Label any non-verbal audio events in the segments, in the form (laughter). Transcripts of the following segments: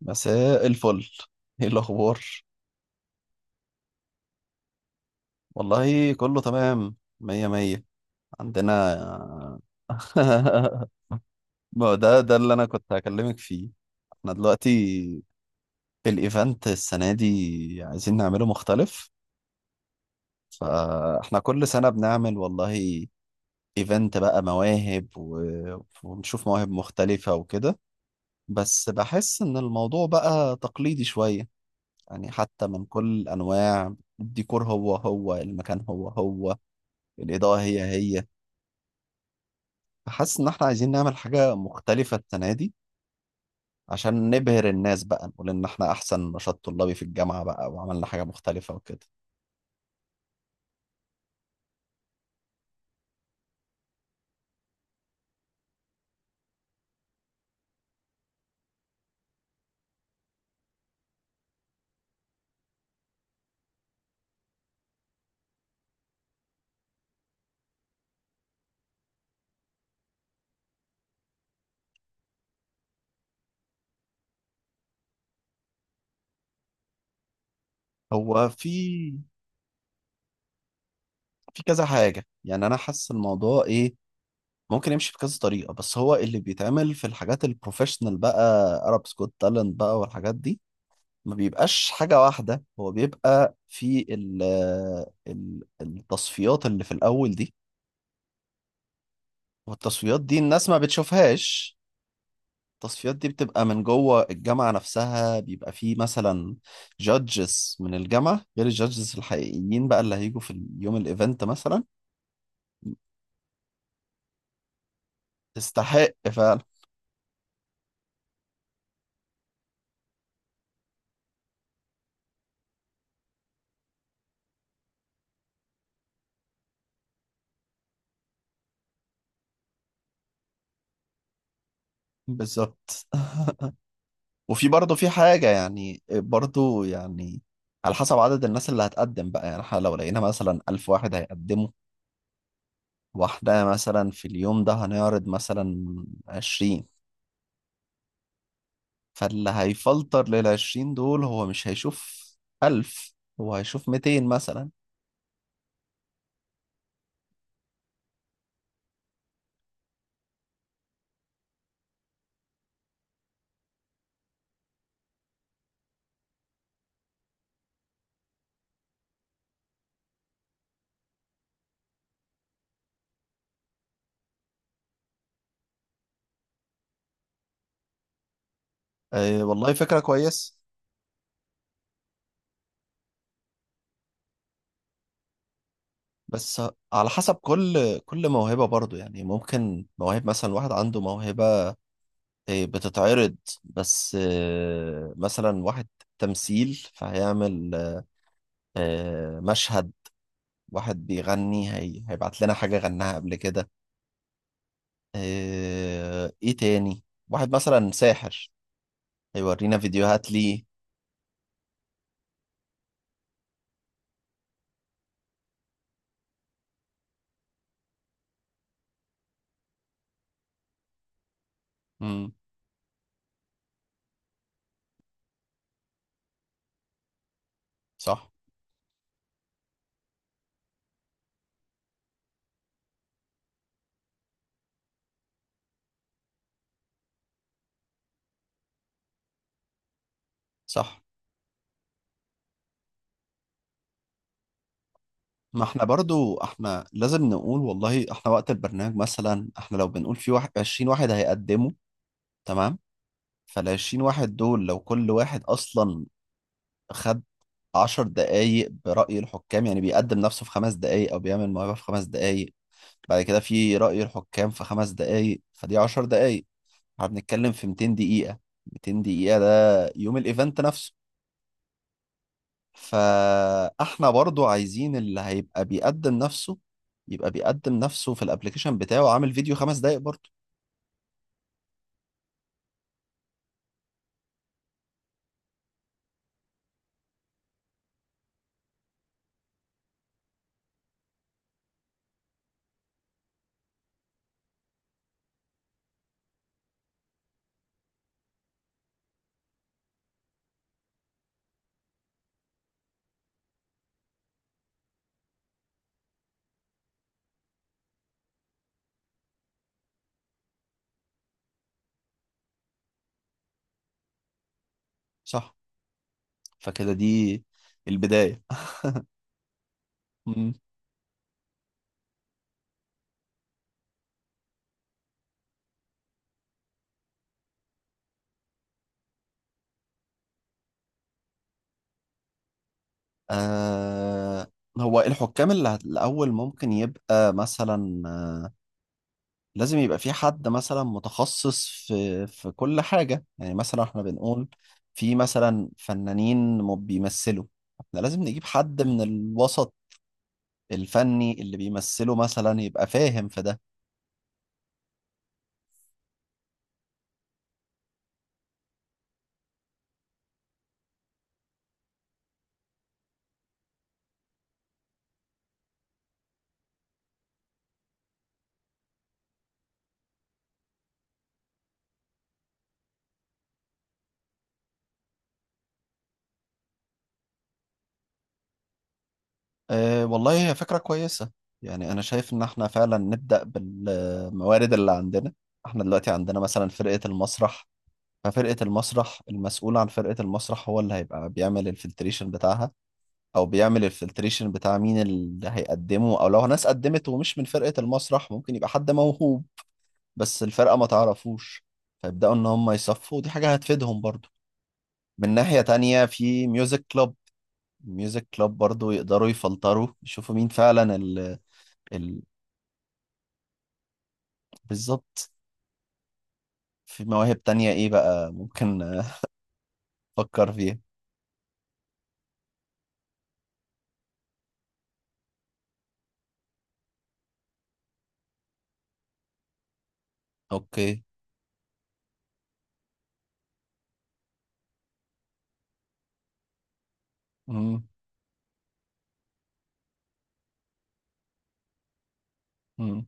مساء الفل، ايه الاخبار؟ والله كله تمام، مية مية عندنا. (laughs) ما هو ده اللي انا كنت هكلمك فيه. احنا دلوقتي الايفنت السنة دي عايزين نعمله مختلف. فاحنا كل سنة بنعمل، والله، ايفنت بقى مواهب ونشوف مواهب مختلفة وكده. بس بحس ان الموضوع بقى تقليدي شوية، يعني حتى من كل انواع الديكور هو هو، المكان هو هو، الإضاءة هي هي. فحاسس إن إحنا عايزين نعمل حاجة مختلفة السنة دي عشان نبهر الناس بقى، نقول إن إحنا أحسن نشاط طلابي في الجامعة بقى وعملنا حاجة مختلفة وكده. هو في كذا حاجة، يعني أنا حاسس الموضوع إيه ممكن يمشي بكذا طريقة. بس هو اللي بيتعمل في الحاجات البروفيشنال بقى، أرب سكوت تالنت بقى والحاجات دي، ما بيبقاش حاجة واحدة. هو بيبقى في التصفيات اللي في الأول دي، والتصفيات دي الناس ما بتشوفهاش. التصفيات دي بتبقى من جوه الجامعة نفسها، بيبقى فيه مثلا جادجز من الجامعة غير الجادجز الحقيقيين بقى اللي هيجوا في يوم الايفنت مثلا. تستحق فعلا. بالظبط. (laughs) وفي برضه، في حاجة يعني، برضه يعني على حسب عدد الناس اللي هتقدم بقى، يعني احنا لو لقينا مثلا 1000 واحد هيقدموا، واحنا مثلا في اليوم ده هنعرض مثلا 20. فاللي هيفلتر لل20 دول هو مش هيشوف 1000، هو هيشوف 200 مثلا. أه والله فكرة كويس. بس على حسب كل موهبة برضو، يعني ممكن مواهب، مثلا واحد عنده موهبة بتتعرض، بس مثلا واحد تمثيل فهيعمل مشهد. واحد بيغني هي هيبعت لنا حاجة غناها قبل كده. ايه تاني، واحد مثلا ساحر هيورينا فيديوهات ليه. مم، صح. صح، ما احنا برضو احنا لازم نقول، والله احنا وقت البرنامج مثلا، احنا لو بنقول في واحد 20 واحد هيقدموا، تمام، فال 20 واحد دول لو كل واحد اصلا خد 10 دقايق برأي الحكام، يعني بيقدم نفسه في 5 دقايق او بيعمل موهبة في 5 دقايق، بعد كده في رأي الحكام في 5 دقايق، فدي 10 دقايق. احنا بنتكلم في 200 دقيقة. 200 دقيقة ده يوم الايفنت نفسه. فاحنا برضو عايزين اللي هيبقى بيقدم نفسه يبقى بيقدم نفسه في الابليكيشن بتاعه عامل فيديو 5 دقايق برضو. صح، فكده دي البداية. (laughs) مم. آه هو الحكام اللي الأول ممكن يبقى مثلا، لازم يبقى في حد مثلا متخصص في كل حاجة. يعني مثلا احنا بنقول في مثلا فنانين بيمثلوا، احنا لازم نجيب حد من الوسط الفني اللي بيمثله مثلا، يبقى فاهم في ده. أه والله هي فكرة كويسة. يعني أنا شايف إن إحنا فعلا نبدأ بالموارد اللي عندنا. إحنا دلوقتي عندنا مثلا فرقة المسرح، ففرقة المسرح المسؤول عن فرقة المسرح هو اللي هيبقى بيعمل الفلتريشن بتاعها، أو بيعمل الفلتريشن بتاع مين اللي هيقدمه، أو لو ناس قدمت ومش من فرقة المسرح ممكن يبقى حد موهوب بس الفرقة ما تعرفوش. فيبدأوا إن هم يصفوا، ودي حاجة هتفيدهم برضو. من ناحية تانية في ميوزك كلوب، ميوزك كلوب برضو يقدروا يفلتروا يشوفوا مين فعلا. ال بالظبط. في مواهب تانية ايه بقى، ممكن افكر فيها. اوكي. مم. مم.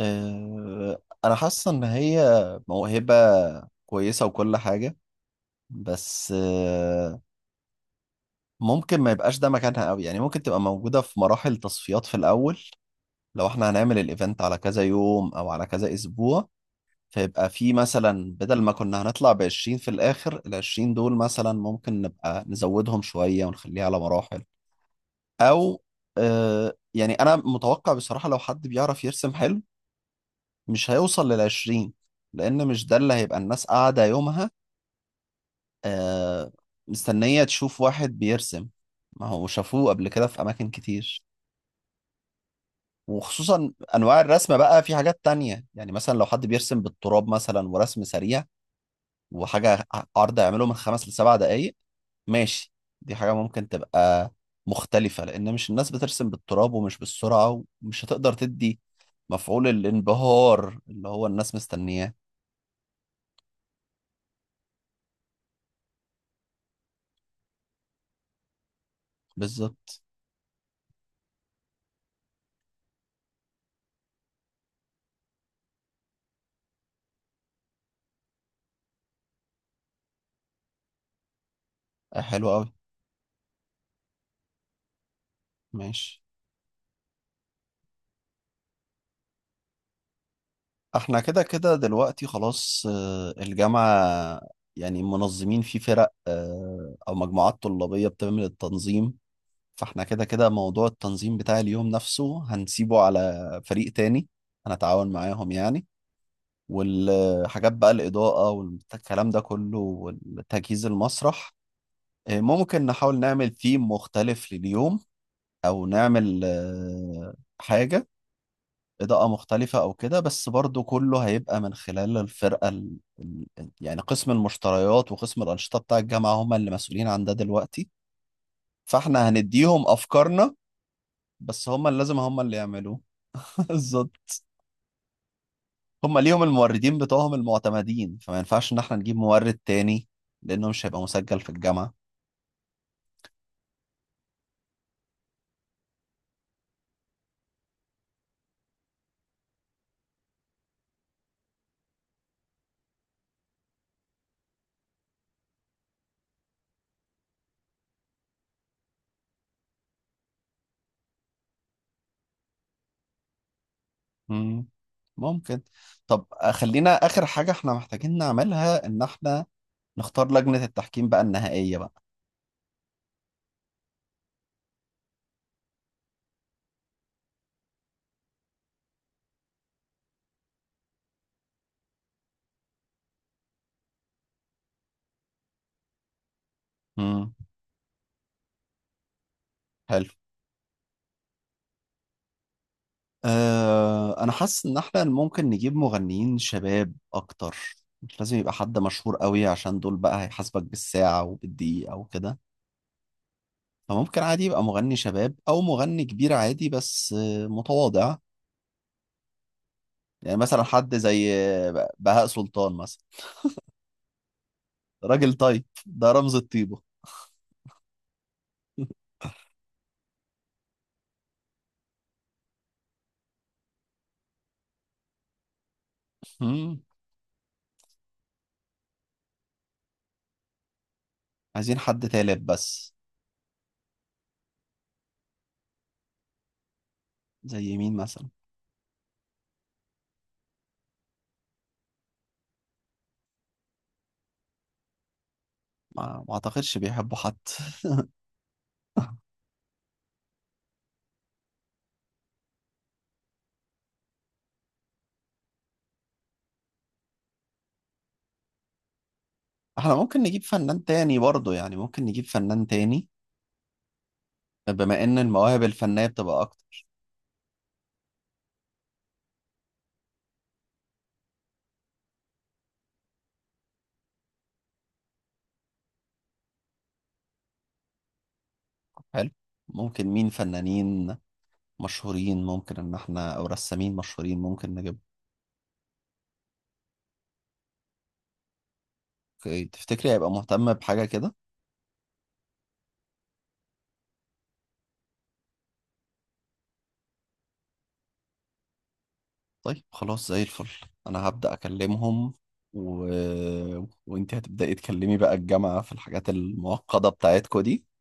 أه انا حاسس ان هي موهبة كويسة وكل حاجة، بس ممكن ما يبقاش ده مكانها قوي، يعني ممكن تبقى موجودة في مراحل تصفيات في الاول. لو احنا هنعمل الايفنت على كذا يوم او على كذا اسبوع، فيبقى في مثلا بدل ما كنا هنطلع ب 20 في الاخر، ال 20 دول مثلا ممكن نبقى نزودهم شوية ونخليها على مراحل. او يعني انا متوقع بصراحة، لو حد بيعرف يرسم حلو مش هيوصل لل20، لان مش ده اللي هيبقى الناس قاعدة يومها آه مستنية تشوف واحد بيرسم. ما هو شافوه قبل كده في اماكن كتير. وخصوصا انواع الرسم بقى، في حاجات تانية يعني، مثلا لو حد بيرسم بالتراب مثلا، ورسم سريع وحاجة، عرض يعمله من 5 ل7 دقايق، ماشي، دي حاجة ممكن تبقى مختلفة. لأن مش الناس بترسم بالتراب ومش بالسرعة، ومش هتقدر تدي مفعول الانبهار اللي هو الناس مستنياه. بالظبط. حلو أوي. ماشي. احنا كده كده دلوقتي خلاص الجامعة يعني منظمين في فرق أو مجموعات طلابية بتعمل التنظيم، فاحنا كده كده موضوع التنظيم بتاع اليوم نفسه هنسيبه على فريق تاني، هنتعاون معاهم يعني. والحاجات بقى، الإضاءة والكلام ده كله والتجهيز المسرح، ممكن نحاول نعمل ثيم مختلف لليوم، أو نعمل حاجة إضاءة مختلفة أو كده. بس برضو كله هيبقى من خلال الفرقة يعني قسم المشتريات وقسم الأنشطة بتاع الجامعة، هم اللي مسؤولين عن ده دلوقتي، فاحنا هنديهم أفكارنا، بس هم اللي يعملوه. بالظبط. هم ليهم الموردين بتوعهم المعتمدين، فما ينفعش ان احنا نجيب مورد تاني لانه مش هيبقى مسجل في الجامعة. مم. ممكن. طب خلينا اخر حاجة احنا محتاجين نعملها ان احنا نختار لجنة التحكيم بقى النهائية بقى. مم. حلو. أه انا حاسس ان احنا ممكن نجيب مغنيين شباب اكتر. مش لازم يبقى حد مشهور قوي عشان دول بقى هيحاسبك بالساعة وبالدقيقة وكده. فممكن عادي يبقى مغني شباب او مغني كبير عادي بس متواضع. يعني مثلا حد زي بهاء سلطان مثلا. راجل طيب، ده رمز الطيبة. مم. عايزين حد تالت بس. زي مين مثلا؟ ما اعتقدش بيحبوا حد. (laughs) احنا ممكن نجيب فنان تاني برضو، يعني ممكن نجيب فنان تاني، بما ان المواهب الفنية بتبقى اكتر. حلو. ممكن مين فنانين مشهورين ممكن ان احنا، او رسامين مشهورين ممكن نجيب. أوكي، تفتكري هيبقى مهتم بحاجة كده؟ طيب خلاص، زي الفل. انا هبدأ اكلمهم و... وانت هتبدأي تكلمي بقى الجامعة في الحاجات المعقدة بتاعتكو دي.